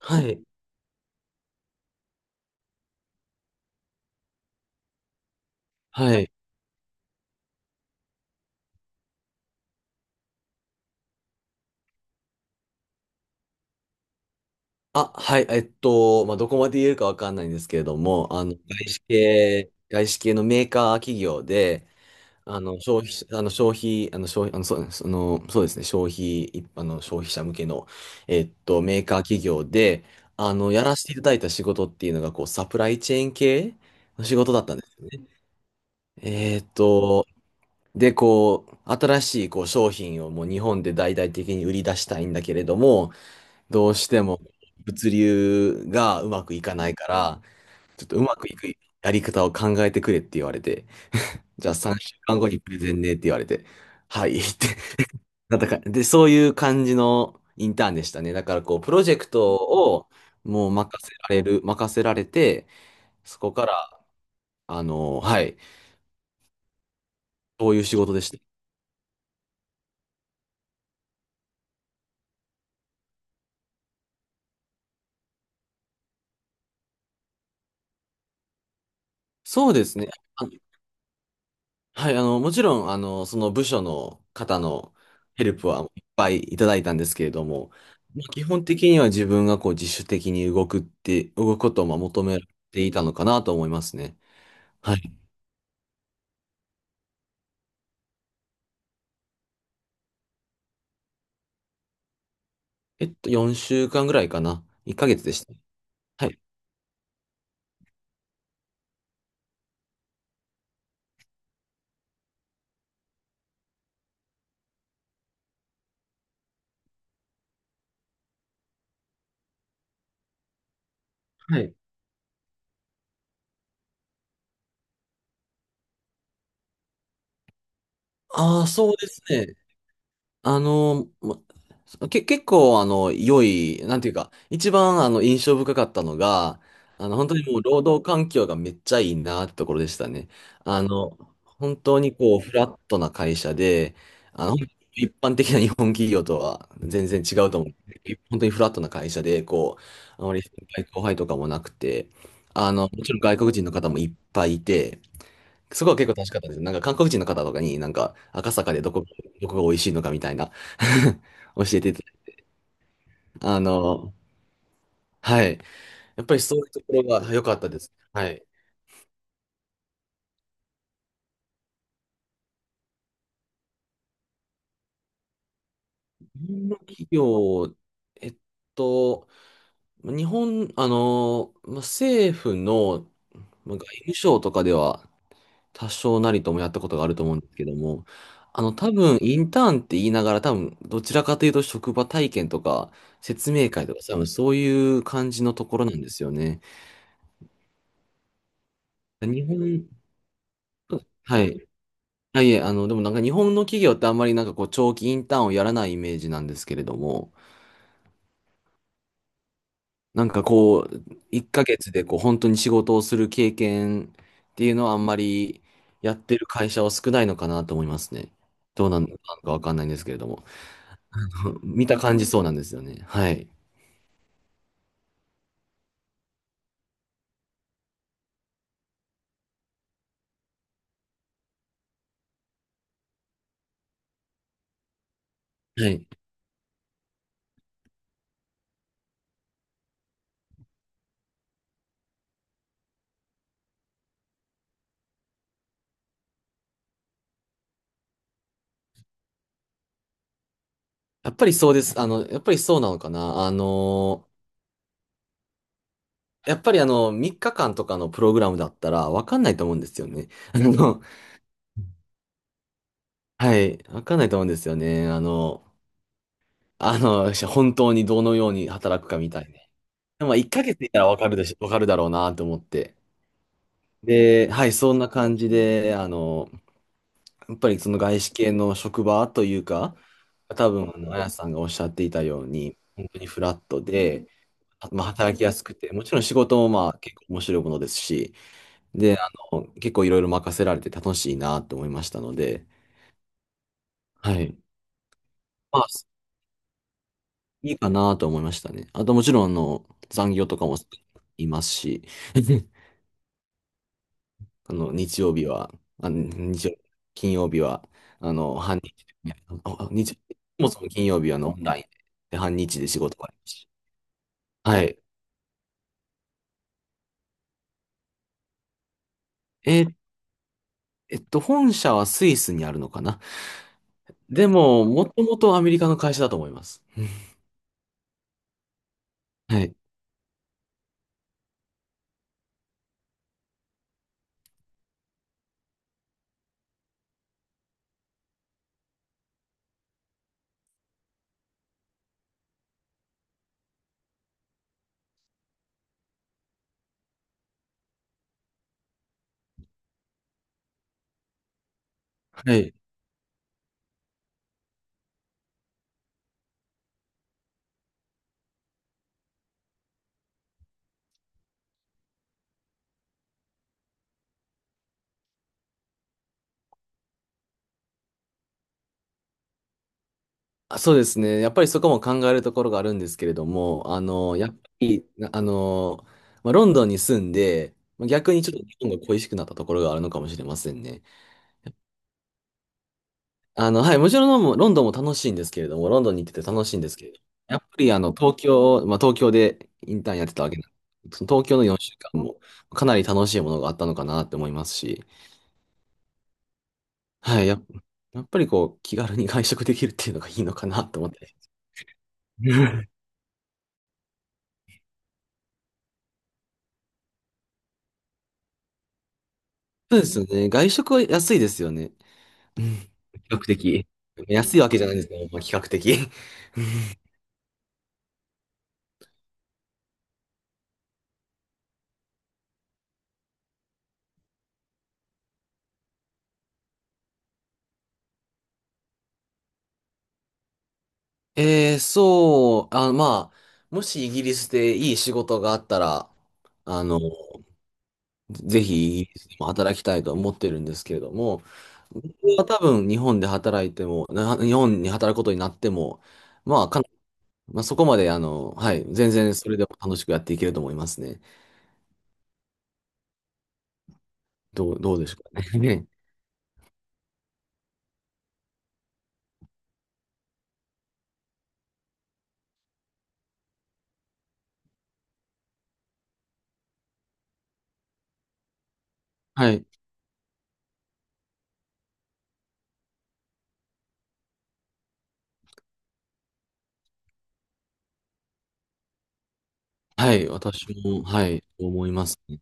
はい。はい。あ、はい。まあ、どこまで言えるかわかんないんですけれども、外資系のメーカー企業で、あの、消費、あの、消費、あの、消費、あの、そうその、そうですね、一般の消費者向けの、メーカー企業で、やらせていただいた仕事っていうのが、こう、サプライチェーン系の仕事だったんですよね。えっと、で、こう、新しいこう商品をもう日本で大々的に売り出したいんだけれども、どうしても物流がうまくいかないから、ちょっとうまくいくやり方を考えてくれって言われて、じゃあ3週間後にプレゼンねって言われて、はいって なったか、で、そういう感じのインターンでしたね。だからこう、プロジェクトをもう任せられる、任せられて、そこから、はい、そういう仕事でした。そうですね。あはい、もちろん、その部署の方のヘルプはいっぱいいただいたんですけれども、まあ基本的には自分がこう自主的に動くって、動くことをまあ求めていたのかなと思いますね。はい。えっと、4週間ぐらいかな。1ヶ月でした。はい。はい。ああ、そうですね。あの、まけ、結構、良い、なんていうか、一番、印象深かったのが、本当にもう、労働環境がめっちゃいいなってところでしたね。あの、本当にこう、フラットな会社で、あの、一般的な日本企業とは全然違うと思う。本当にフラットな会社で、こう、あまり先輩後輩とかもなくて、もちろん外国人の方もいっぱいいて、そこは結構楽しかったです。なんか韓国人の方とかになんか赤坂でどこ、どこが美味しいのかみたいな 教えていただいて、あの、はい。やっぱりそういうところが良かったです。はい。日本の企業、えっと、日本、まあ政府のまあ外務省とかでは多少なりともやったことがあると思うんですけども、多分インターンって言いながら多分どちらかというと職場体験とか説明会とか多分そういう感じのところなんですよね。日本、はい。はいえ、でもなんか日本の企業ってあんまりなんかこう長期インターンをやらないイメージなんですけれども、なんかこう、1ヶ月でこう本当に仕事をする経験っていうのはあんまりやってる会社は少ないのかなと思いますね。どうなんのかわかんないんですけれども。見た感じそうなんですよね。はい。はい。やっぱりそうです。やっぱりそうなのかな。あの、やっぱりあの、3日間とかのプログラムだったらわかんないと思うんですよね。はい。わかんないと思うんですよね。本当にどのように働くかみたいね。でもまあ、1ヶ月いたらわかるだろうなと思って。で、はい、そんな感じで、やっぱりその外資系の職場というか、多分、あやさんがおっしゃっていたように、本当にフラットで、まあ、働きやすくて、もちろん仕事もまあ結構面白いものですし、で、結構いろいろ任せられて楽しいなと思いましたので、はい。まあいいかなと思いましたね。あともちろん、残業とかもいますし、日曜日は、あ、日曜、金曜日は、あの、半日、あ、あ日、そもそも金曜日はあのオンラインで、半日で仕事がありますし。はい。えー、本社はスイスにあるのかな。でも、もともとアメリカの会社だと思います。はい。はい。あそうですね。やっぱりそこも考えるところがあるんですけれども、あの、やっぱり、なあの、まあ、ロンドンに住んで、まあ逆にちょっと日本が恋しくなったところがあるのかもしれませんね。はい、もちろんロンドンも楽しいんですけれども、ロンドンに行ってて楽しいんですけれども、やっぱりまあ、東京でインターンやってたわけなんで、その東京の4週間もかなり楽しいものがあったのかなって思いますし、はい、や、やっぱりこう、気軽に外食できるっていうのがいいのかなと思って。そうですよね。外食は安いですよね。うん、比較的。安いわけじゃないんですけど、まあ、比較的。そう、あ、まあ、もしイギリスでいい仕事があったら、あの、ぜひイギリスでも働きたいと思ってるんですけれども、僕は多分日本で働いても、日本に働くことになっても、まあ、かなまあ、そこまで、はい、全然それでも楽しくやっていけると思いますね。どうでしょうかね。ね、はい。はい、私も、はい、思いますね。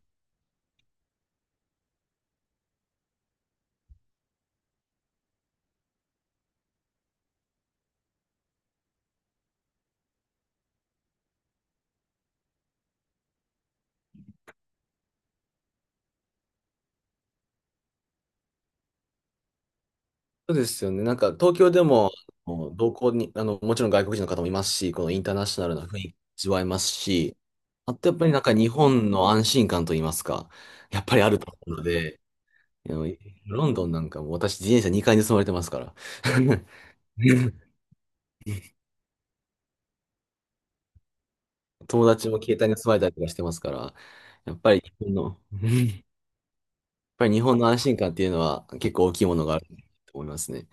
そうですよね。なんか東京でも、あうの同行に、あの、もちろん外国人の方もいますし、このインターナショナルな雰囲気味わえますし、あとやっぱりなんか日本の安心感といいますか、やっぱりあると思うので、あのロンドンなんかも私自転車2回盗まれてますから、友達も携帯に盗まれたりとかしてますから、やっぱり日本の安心感っていうのは結構大きいものがあると思いますね。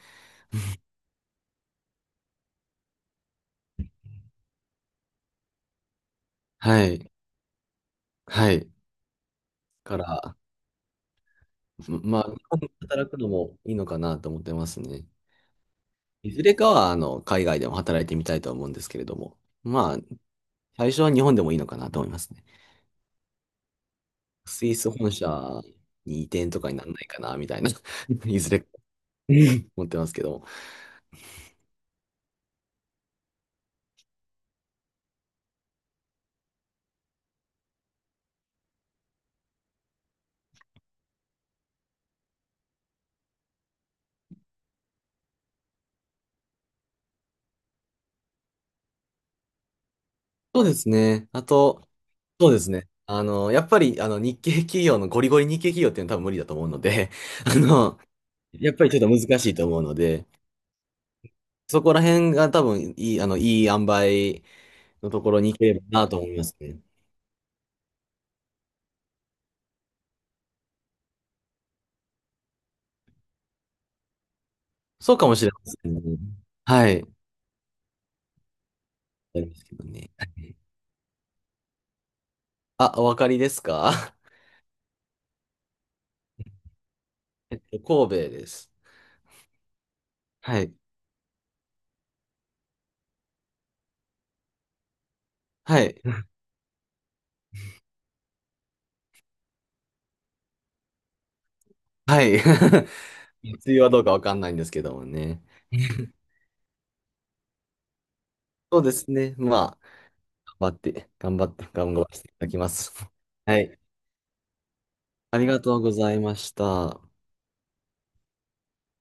はい。はい。から、まあ、日本で働くのもいいのかなと思ってますね。いずれかは、海外でも働いてみたいとは思うんですけれども、まあ、最初は日本でもいいのかなと思いますね。スイス本社に移転とかにならないかな、みたいな、いずれか思ってますけども。そうですね。あと、そうですね。あの、やっぱり、あの、日系企業の、ゴリゴリ日系企業っていうのは多分無理だと思うので、あの、やっぱりちょっと難しいと思うので、そこら辺が多分いい、いい塩梅のところに行ければなと思いますね。そうかもしれませんね。はい。ありますけどね。はい。あ、お分かりですか？ えっと、神戸です。はい。はい。はい。梅雨はどうかわかんないんですけどもね。そうですね。まあ、頑張らせていただきます。はい。ありがとうございました。